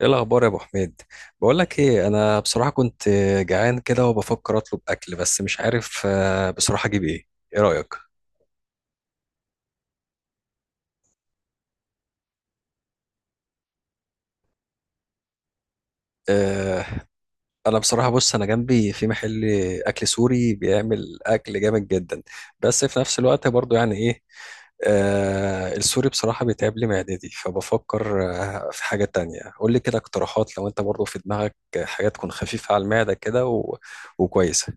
ايه الاخبار يا ابو حميد؟ بقول لك ايه، انا بصراحه كنت جعان كده وبفكر اطلب اكل بس مش عارف بصراحه اجيب ايه. ايه رايك؟ آه، انا بصراحه بص، انا جنبي في محل اكل سوري بيعمل اكل جامد جدا. بس في نفس الوقت برضو يعني ايه، السوري بصراحه بيتعب لي معدتي، فبفكر في حاجه تانية. قول لي كده اقتراحات لو انت برضو في دماغك حاجه تكون خفيفه على المعده كده و وكويسه.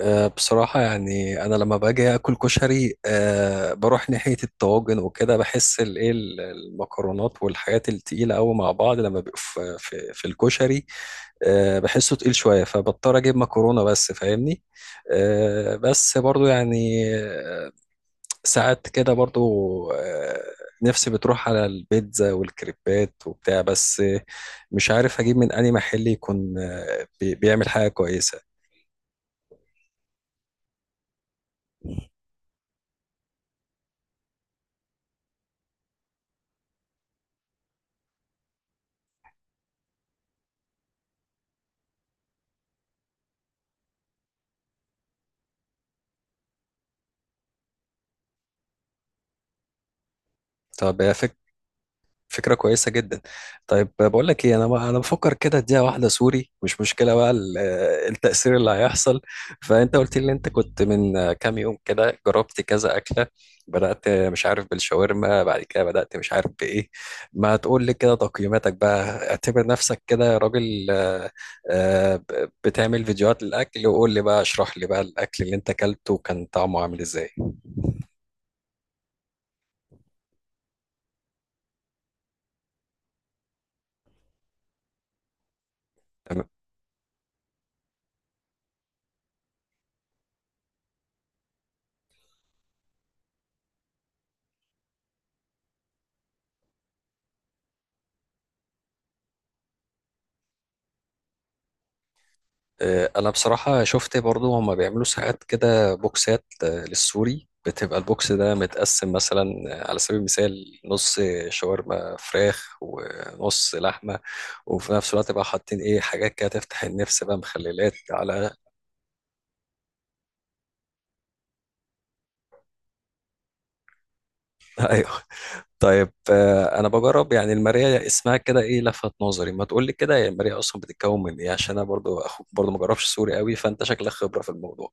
بصراحة يعني أنا لما باجي آكل كشري بروح ناحية الطواجن وكده، بحس الإيه المكرونات والحاجات التقيلة أوي مع بعض لما بيبقوا في الكشري. بحسه تقيل شوية فبضطر أجيب مكرونة بس، فاهمني؟ آه، بس برضو يعني آه، ساعات كده برضو آه، نفسي بتروح على البيتزا والكريبات وبتاع، بس مش عارف أجيب من أي محل يكون بيعمل حاجة كويسة. طب يا فكرة، فكرة كويسة جدا. طيب بقول لك ايه، انا بفكر كده اديها واحدة سوري، مش مشكلة بقى التأثير اللي هيحصل. فانت قلت لي إن انت كنت من كام يوم كده جربت كذا أكلة، بدأت مش عارف بالشاورما، بعد كده بدأت مش عارف بإيه. ما تقول لي كده تقييماتك بقى. اعتبر نفسك كده يا راجل، بتعمل فيديوهات للأكل، وقول لي بقى، اشرح لي بقى الأكل اللي انت أكلته كان طعمه عامل ازاي. انا بصراحة شفت برضو هما بيعملوا ساعات كده بوكسات للسوري، بتبقى البوكس ده متقسم مثلا على سبيل المثال نص شاورما فراخ ونص لحمة، وفي نفس الوقت بقى حاطين ايه، حاجات كده تفتح النفس بقى، مخللات على ايوه. طيب انا بجرب يعني الماريا اسمها كده، ايه لفت نظري. ما تقول لي كده هي الماريا اصلا بتتكون من ايه، عشان انا برضو اخوك برضو ما جربش سوري قوي، فانت شكلك خبرة في الموضوع.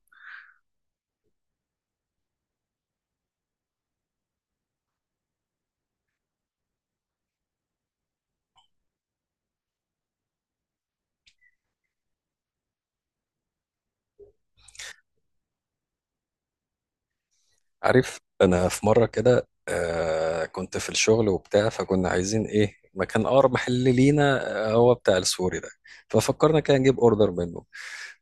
عارف، انا في مره كده آه كنت في الشغل وبتاع، فكنا عايزين ايه، مكان اقرب محل لينا هو بتاع السوري ده. ففكرنا كده نجيب اوردر منه.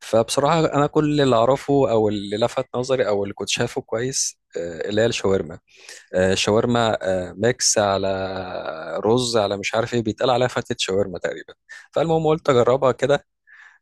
فبصراحه انا كل اللي اعرفه او اللي لفت نظري او اللي كنت شايفه كويس آه اللي هي الشاورما. آه شاورما آه ميكس على رز، على مش عارف ايه بيتقال عليها فتة شاورما تقريبا. فالمهم قلت اجربها كده.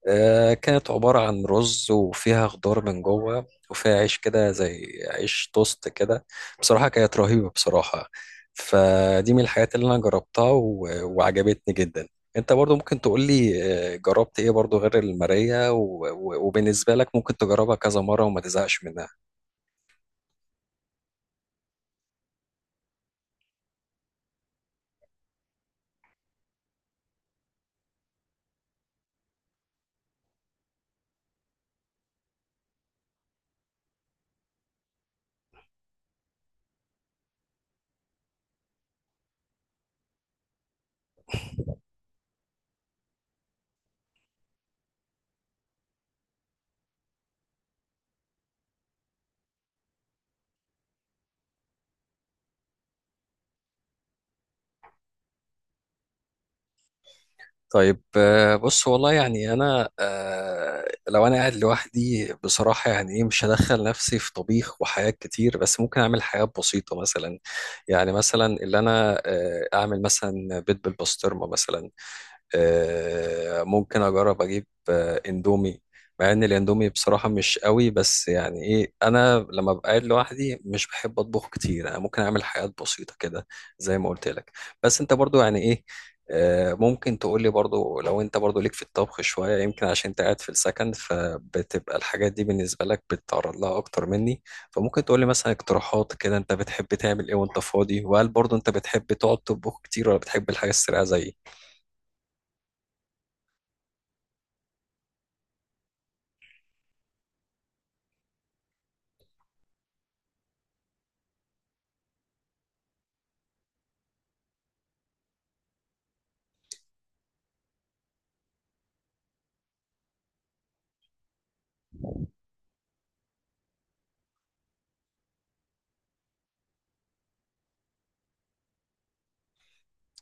كانت عبارة عن رز وفيها خضار من جوه وفيها عيش كده زي عيش توست كده. بصراحة كانت رهيبة بصراحة. فدي من الحاجات اللي أنا جربتها و وعجبتني جدا. أنت برضو ممكن تقولي جربت إيه برضو غير المارية و وبالنسبة لك ممكن تجربها كذا مرة وما تزهقش منها. طيب بص والله يعني انا لو انا قاعد لوحدي بصراحه يعني ايه، مش هدخل نفسي في طبيخ وحاجات كتير، بس ممكن اعمل حاجات بسيطه مثلا. يعني مثلا اللي انا اعمل مثلا بيض بالبسطرمه مثلا. ممكن اجرب اجيب اندومي، مع ان الاندومي بصراحة مش قوي، بس يعني ايه انا لما ببقى قاعد لوحدي مش بحب اطبخ كتير، انا ممكن اعمل حاجات بسيطة كده زي ما قلت لك. بس انت برضو يعني ايه ممكن تقول لي برضو لو انت برضو ليك في الطبخ شوية، يمكن عشان انت قاعد في السكن فبتبقى الحاجات دي بالنسبة لك بتتعرض لها اكتر مني. فممكن تقول لي مثلا اقتراحات كده، انت بتحب تعمل ايه وانت فاضي، وهل برضو انت بتحب تقعد تطبخ كتير ولا بتحب الحاجة السريعة زيي.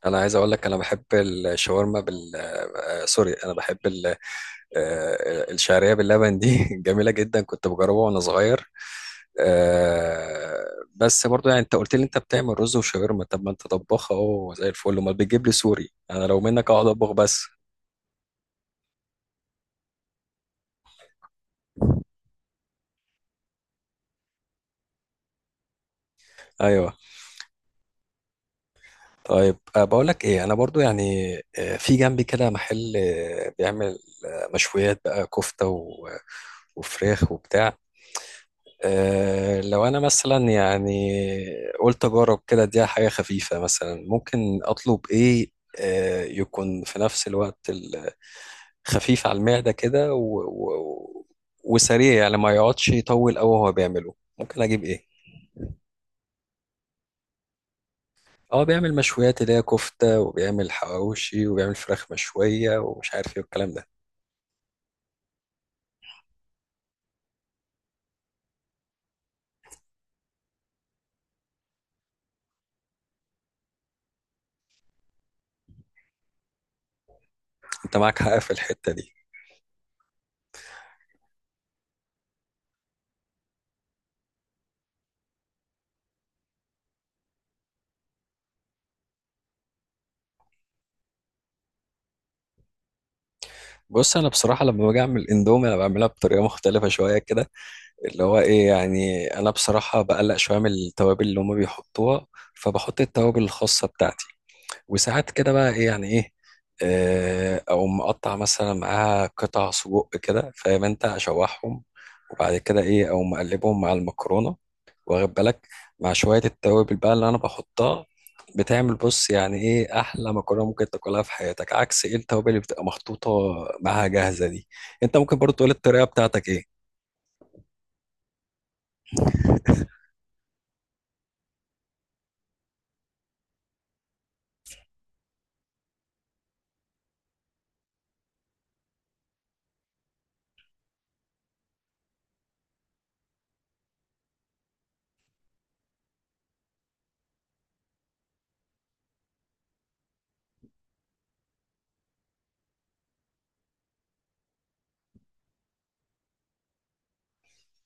انا عايز اقول لك انا بحب الشاورما بال سوري، انا بحب ال... آه، آه، الشعريه باللبن دي جميله جدا كنت بجربها وانا صغير. آه، بس برضو يعني انت قلت لي انت بتعمل رز وشاورما، طب ما انت طباخ اهو زي الفل، امال بتجيب لي سوري؟ انا لو منك اقعد اطبخ بس. ايوه. طيب أه بقول لك ايه، انا برضو يعني في جنبي كده محل بيعمل مشويات بقى، كفته و... آه، وفراخ وبتاع. أه لو انا مثلا يعني قلت اجرب كده، دي حاجه خفيفه مثلا ممكن اطلب ايه، أه يكون في نفس الوقت خفيف على المعده كده و وسريع، يعني ما يقعدش يطول قوي وهو بيعمله، ممكن اجيب ايه؟ اه بيعمل مشويات اللي هي كفته، وبيعمل حواوشي، وبيعمل فراخ مشويه ومش عارف ايه والكلام ده. انت معاك حق في الحته دي. بص انا بصراحه لما باجي اعمل اندومي انا بعملها بطريقه مختلفه شويه كده، اللي هو ايه، يعني انا بصراحة بقلق شوية من التوابل اللي هما بيحطوها، فبحط التوابل الخاصة بتاعتي. وساعات كده بقى ايه يعني ايه او مقطع مثلا معاها قطع سجق كده، فاهم؟ انت اشوحهم وبعد كده ايه او مقلبهم مع المكرونة، واخد بالك، مع شوية التوابل بقى اللي انا بحطها. بتعمل بص يعني ايه احلى مكرونه ممكن تاكلها في حياتك، عكس ايه التوابل اللي بتبقى محطوطه معاها جاهزه دي. انت ممكن برضو تقول الطريقه بتاعتك ايه.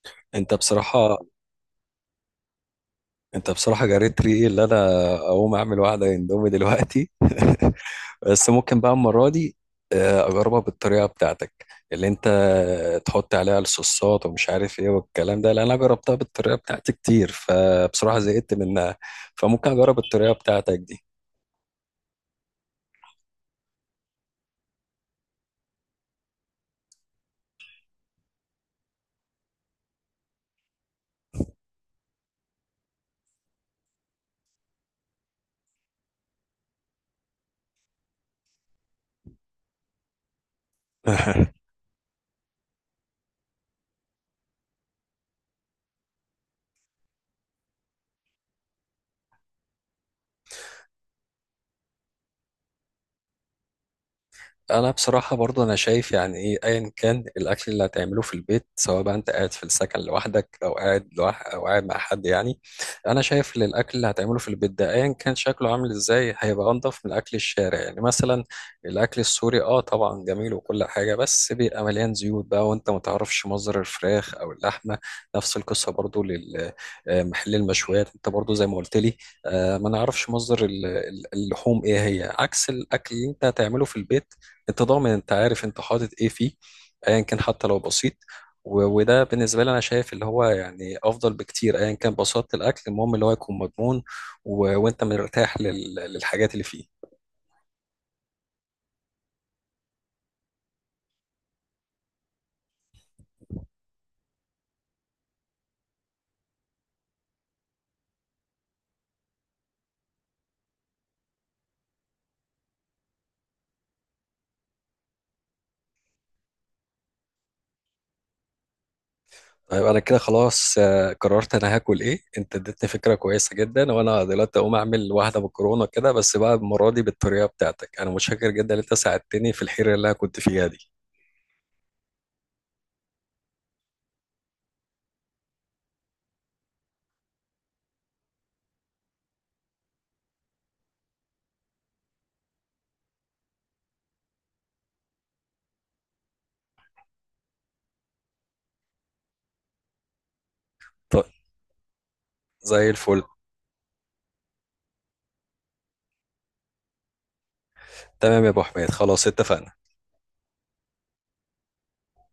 انت بصراحة انت بصراحة جريت ريقي، اللي انا اقوم اعمل واحدة اندومي دلوقتي. بس ممكن بقى المرة دي اجربها بالطريقة بتاعتك، اللي انت تحط عليها الصوصات ومش عارف ايه والكلام ده، لان انا جربتها بالطريقة بتاعتي كتير فبصراحة زهقت منها، فممكن اجرب الطريقة بتاعتك دي. انا بصراحه برضو انا شايف يعني ايه ايا كان الاكل اللي هتعمله في البيت، سواء بقى انت قاعد في السكن لوحدك او قاعد لوح او قاعد مع حد، يعني انا شايف ان الاكل اللي هتعمله في البيت ده ايا كان شكله عامل ازاي هيبقى انضف من اكل الشارع. يعني مثلا الاكل السوري اه طبعا جميل وكل حاجه، بس بيبقى مليان زيوت بقى، وانت ما تعرفش مصدر الفراخ او اللحمه. نفس القصه برضو للمحل المشويات، انت برضو زي ما قلت لي ما نعرفش مصدر اللحوم ايه هي، عكس الاكل اللي انت هتعمله في البيت، انت ضامن، انت عارف انت حاطط ايه فيه، ايا كان حتى لو بسيط. وده بالنسبه لي انا شايف اللي هو يعني افضل بكتير، ايا كان بساطه الاكل، المهم اللي هو يكون مضمون و وانت مرتاح للحاجات اللي فيه. طيب انا كده خلاص قررت انا هاكل ايه. انت اديتني فكره كويسه جدا، وانا دلوقتي اقوم اعمل واحده مكرونه كده بس بقى المره دي بالطريقه بتاعتك. انا متشكر جدا ان انت ساعدتني في الحيره اللي انا كنت فيها دي. طيب، زي الفل. تمام يا ابو حميد، خلاص اتفقنا.